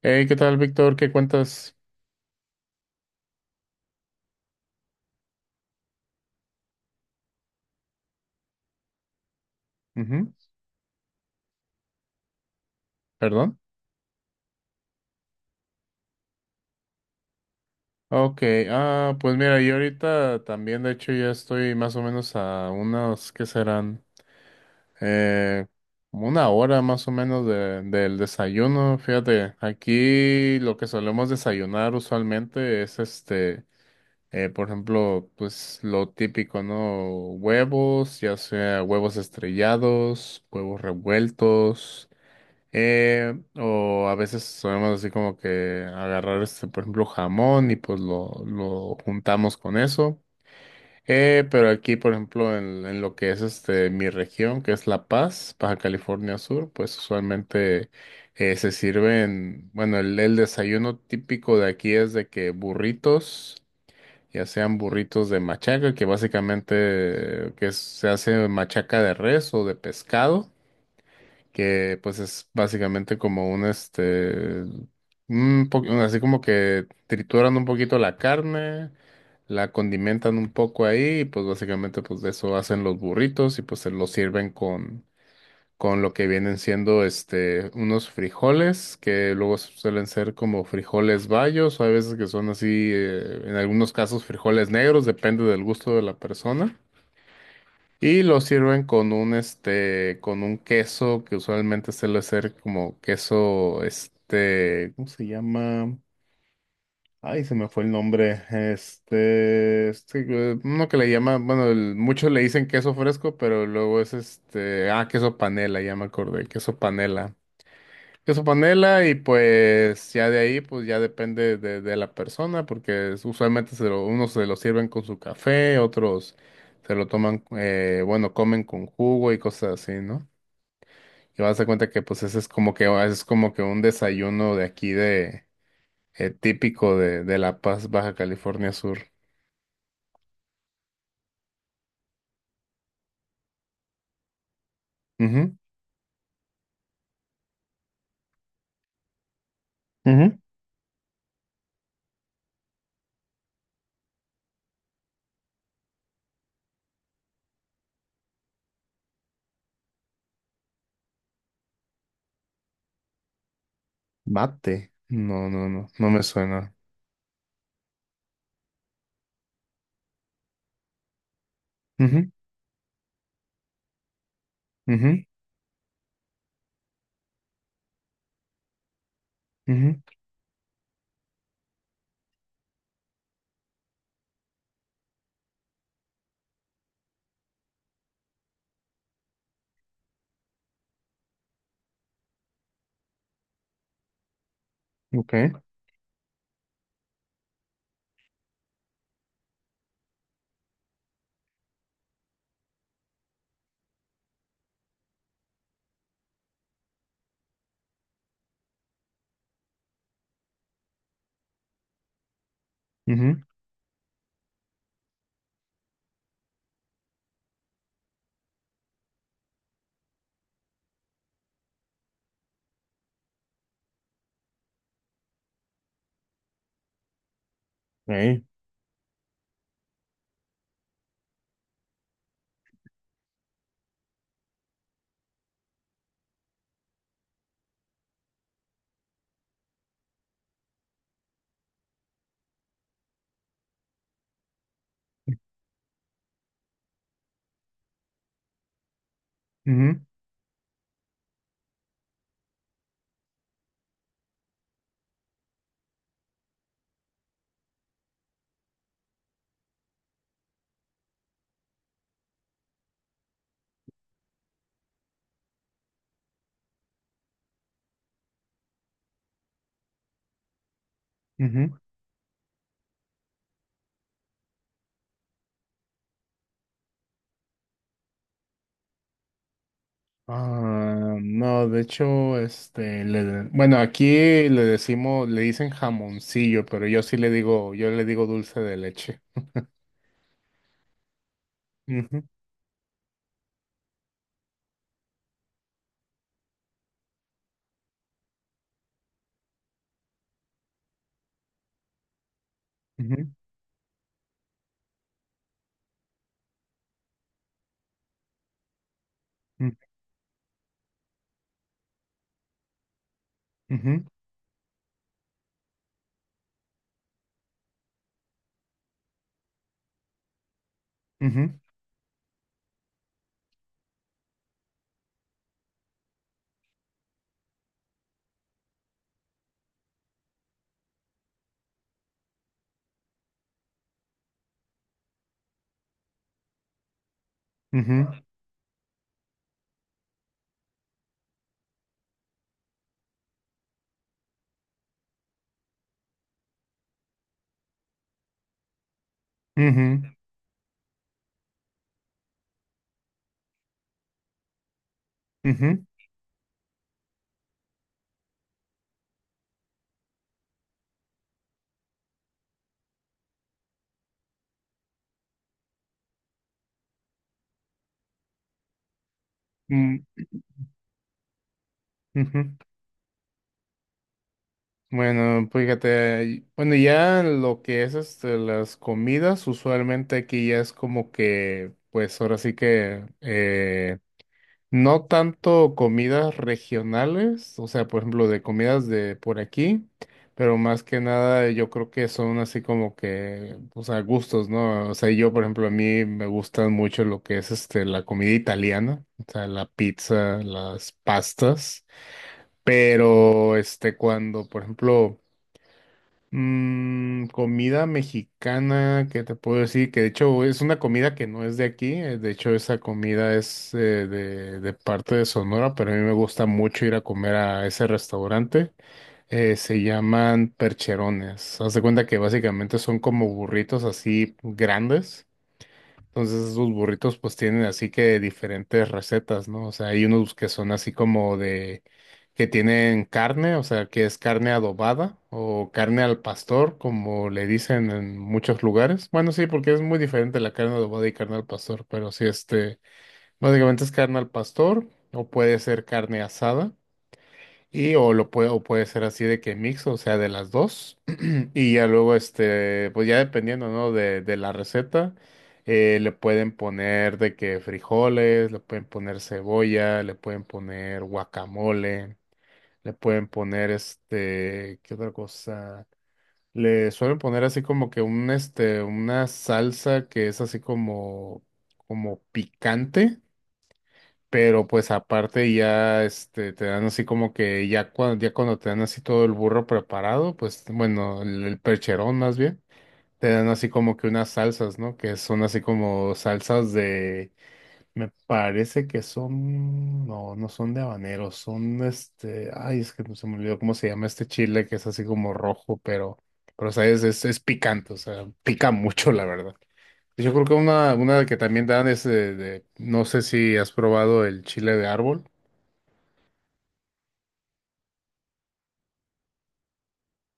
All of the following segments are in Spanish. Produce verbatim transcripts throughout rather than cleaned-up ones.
Hey, ¿qué tal, Víctor? ¿Qué cuentas? Ujú. ¿Perdón? Ok. Ah, pues mira, yo ahorita también, de hecho, ya estoy más o menos a unos, ¿qué serán? Eh, Como una hora más o menos de, del desayuno. Fíjate, aquí lo que solemos desayunar usualmente es este, eh, Por ejemplo, pues lo típico, ¿no? Huevos, ya sea huevos estrellados, huevos revueltos. Eh, o a veces solemos así como que agarrar este, por ejemplo, jamón y pues lo, lo juntamos con eso. Eh, pero aquí, por ejemplo, en, en lo que es este mi región, que es La Paz, Baja California Sur, pues usualmente eh, se sirven, bueno, el, el desayuno típico de aquí es de que burritos, ya sean burritos de machaca, que básicamente eh, que es- se hace machaca de res o de pescado, que pues es básicamente como un este, un po- así como que trituran un poquito la carne, la condimentan un poco ahí y pues básicamente pues de eso hacen los burritos y pues se los sirven con, con lo que vienen siendo este, unos frijoles que luego suelen ser como frijoles bayos o hay veces que son así, eh, en algunos casos frijoles negros, depende del gusto de la persona. Y lo sirven con un este, con un queso que usualmente suele ser como queso, este, ¿cómo se llama? Ay, se me fue el nombre. Este, este, eh, uno que le llama, bueno, el- muchos le dicen queso fresco, pero luego es este, ah, queso panela, ya me acordé, queso panela queso panela y pues ya de ahí pues ya depende de, de la persona porque es- usualmente se lo- unos se lo sirven con su café, otros se lo toman, eh, bueno, comen con jugo y cosas así, ¿no? Y vas a darse cuenta que pues ese es como que ah, es como que un desayuno de aquí de eh, típico de, de La Paz, Baja California Sur. Ujú, ujú. Mate. No, no, no, no me suena. Ujú, ujú, ujú, ok, ujú, ok, ujú, ujú. Ah, no, de hecho, este, le- bueno, aquí le decimos, le dicen jamoncillo, pero yo sí le digo, yo le digo dulce de leche. Ujú, ujú, ujú, ujú, ujú, ujú, ujú, ujú, mm, ujú. Bueno, fíjate, y- bueno, ya lo que es este, las comidas, usualmente aquí ya es como que, pues ahora sí que, eh, no tanto comidas regionales, o sea, por ejemplo, de comidas de por aquí, pero más que nada yo creo que son así como que, o sea, gustos, ¿no? O sea, yo, por ejemplo, a mí me gustan mucho lo que es este, la comida italiana, o sea, la pizza, las pastas, pero este, cuando, por ejemplo, mm, comida mexicana, que te puedo decir que de hecho es una comida que no es de aquí, eh, de hecho esa comida es eh, de, de parte de Sonora, pero a mí me gusta mucho ir a comer a ese restaurante, eh, se llaman percherones, haz de cuenta que básicamente son como burritos así grandes, entonces esos burritos pues tienen así que diferentes recetas, ¿no? O sea, hay unos que son así como de que tienen carne, o sea, que es carne adobada o carne al pastor, como le dicen en muchos lugares. Bueno, sí, porque es muy diferente la carne adobada y carne al pastor, pero sí, este, básicamente es carne al pastor o puede ser carne asada, y o lo puede o puede ser así de que mix, o sea, de las dos. Y ya luego, este, pues ya dependiendo, ¿no? De, de la receta, eh, le pueden poner de que frijoles, le pueden poner cebolla, le pueden poner guacamole, le pueden poner este, ¿qué otra cosa? Le suelen poner así como que un, este, una salsa que es así como, como picante. Pero pues aparte ya este te dan así como que ya cuando ya cuando te dan así todo el burro preparado, pues bueno, el el percherón más bien te dan así como que unas salsas, ¿no? Que son así como salsas de, me parece que son, no, no son de habanero, son este, ay, es que se me olvidó cómo se llama este chile que es así como rojo, pero, pero sabes, es, es picante, o sea, pica mucho, la verdad. Yo creo que una, una que también dan es de, de- no sé si has probado el chile de árbol.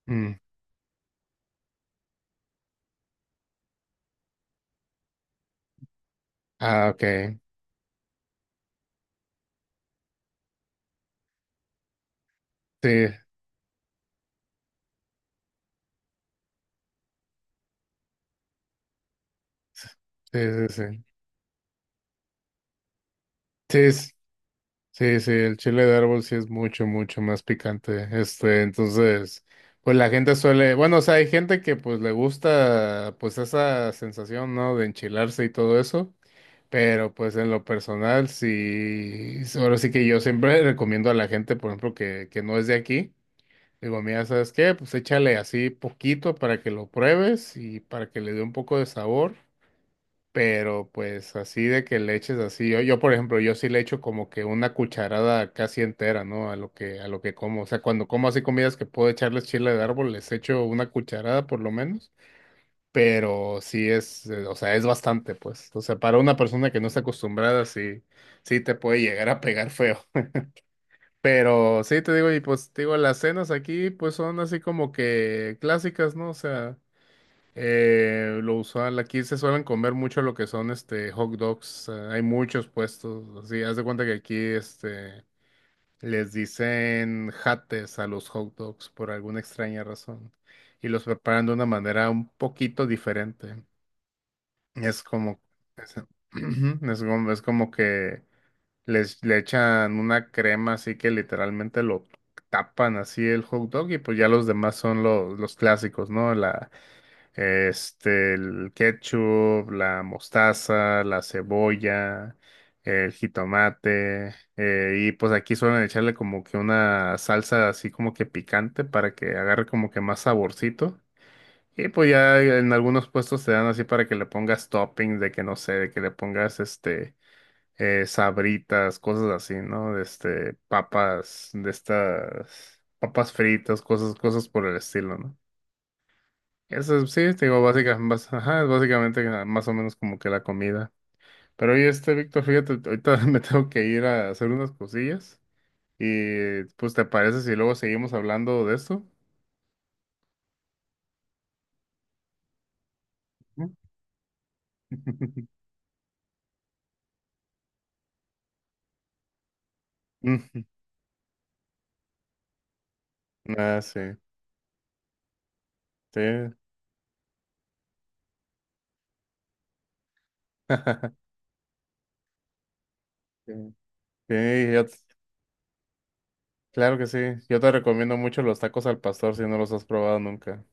Mm. Ah, ok. Sí, sí, sí, sí. Sí, sí, sí, el chile de árbol sí es mucho, mucho más picante. Este, entonces, pues la gente suele, bueno, o sea, hay gente que pues le gusta pues esa sensación, ¿no? De enchilarse y todo eso, pero pues en lo personal sí, sí, ahora sí que yo siempre recomiendo a la gente, por ejemplo, que, que no es de aquí, digo, mira, ¿sabes qué? Pues échale así poquito para que lo pruebes y para que le dé un poco de sabor. Pero pues así de que le eches así. Yo, yo, por ejemplo, yo sí le echo como que una cucharada casi entera, ¿no? A lo que, a lo que como. O sea, cuando como así comidas que puedo echarles chile de árbol, les echo una cucharada por lo menos. Pero sí es, eh, o sea, es bastante, pues. O sea, para una persona que no está acostumbrada, sí, sí te puede llegar a pegar feo. Pero sí te digo, y pues te digo, las cenas aquí pues son así como que clásicas, ¿no? O sea. Eh, lo usual, aquí se suelen comer mucho lo que son este hot dogs. Eh, hay muchos puestos. Así, haz de cuenta que aquí este les dicen jates a los hot dogs por alguna extraña razón. Y los preparan de una manera un poquito diferente. Es como es, es como, es como que les le echan una crema así que literalmente lo tapan así el hot dog y pues ya los demás son los, los clásicos, ¿no? la este, el ketchup, la mostaza, la cebolla, el jitomate, eh, y pues aquí suelen echarle como que una salsa así como que picante para que agarre como que más saborcito. Y pues ya en algunos puestos te dan así para que le pongas toppings de que no sé, de que le pongas este eh, sabritas, cosas así, ¿no? De este, papas, de estas papas fritas, cosas, cosas por el estilo, no, eso es- sí, te digo, básica, bas- ajá, es básicamente ah, más o menos como que la comida. Pero oye, este, Víctor, fíjate, ahorita me tengo que ir a hacer unas cosillas y pues ¿te parece si luego seguimos hablando de esto? ¿Mm? Ujú. Ah, sí, sí. Sí, sí, yo t- claro que sí. Yo te recomiendo mucho los tacos al pastor si no los has probado nunca.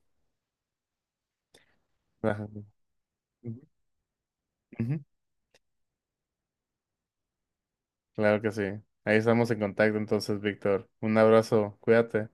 Ajá. Ujú. Ujú. Claro que sí. Ahí estamos en contacto entonces, Víctor. Un abrazo, cuídate.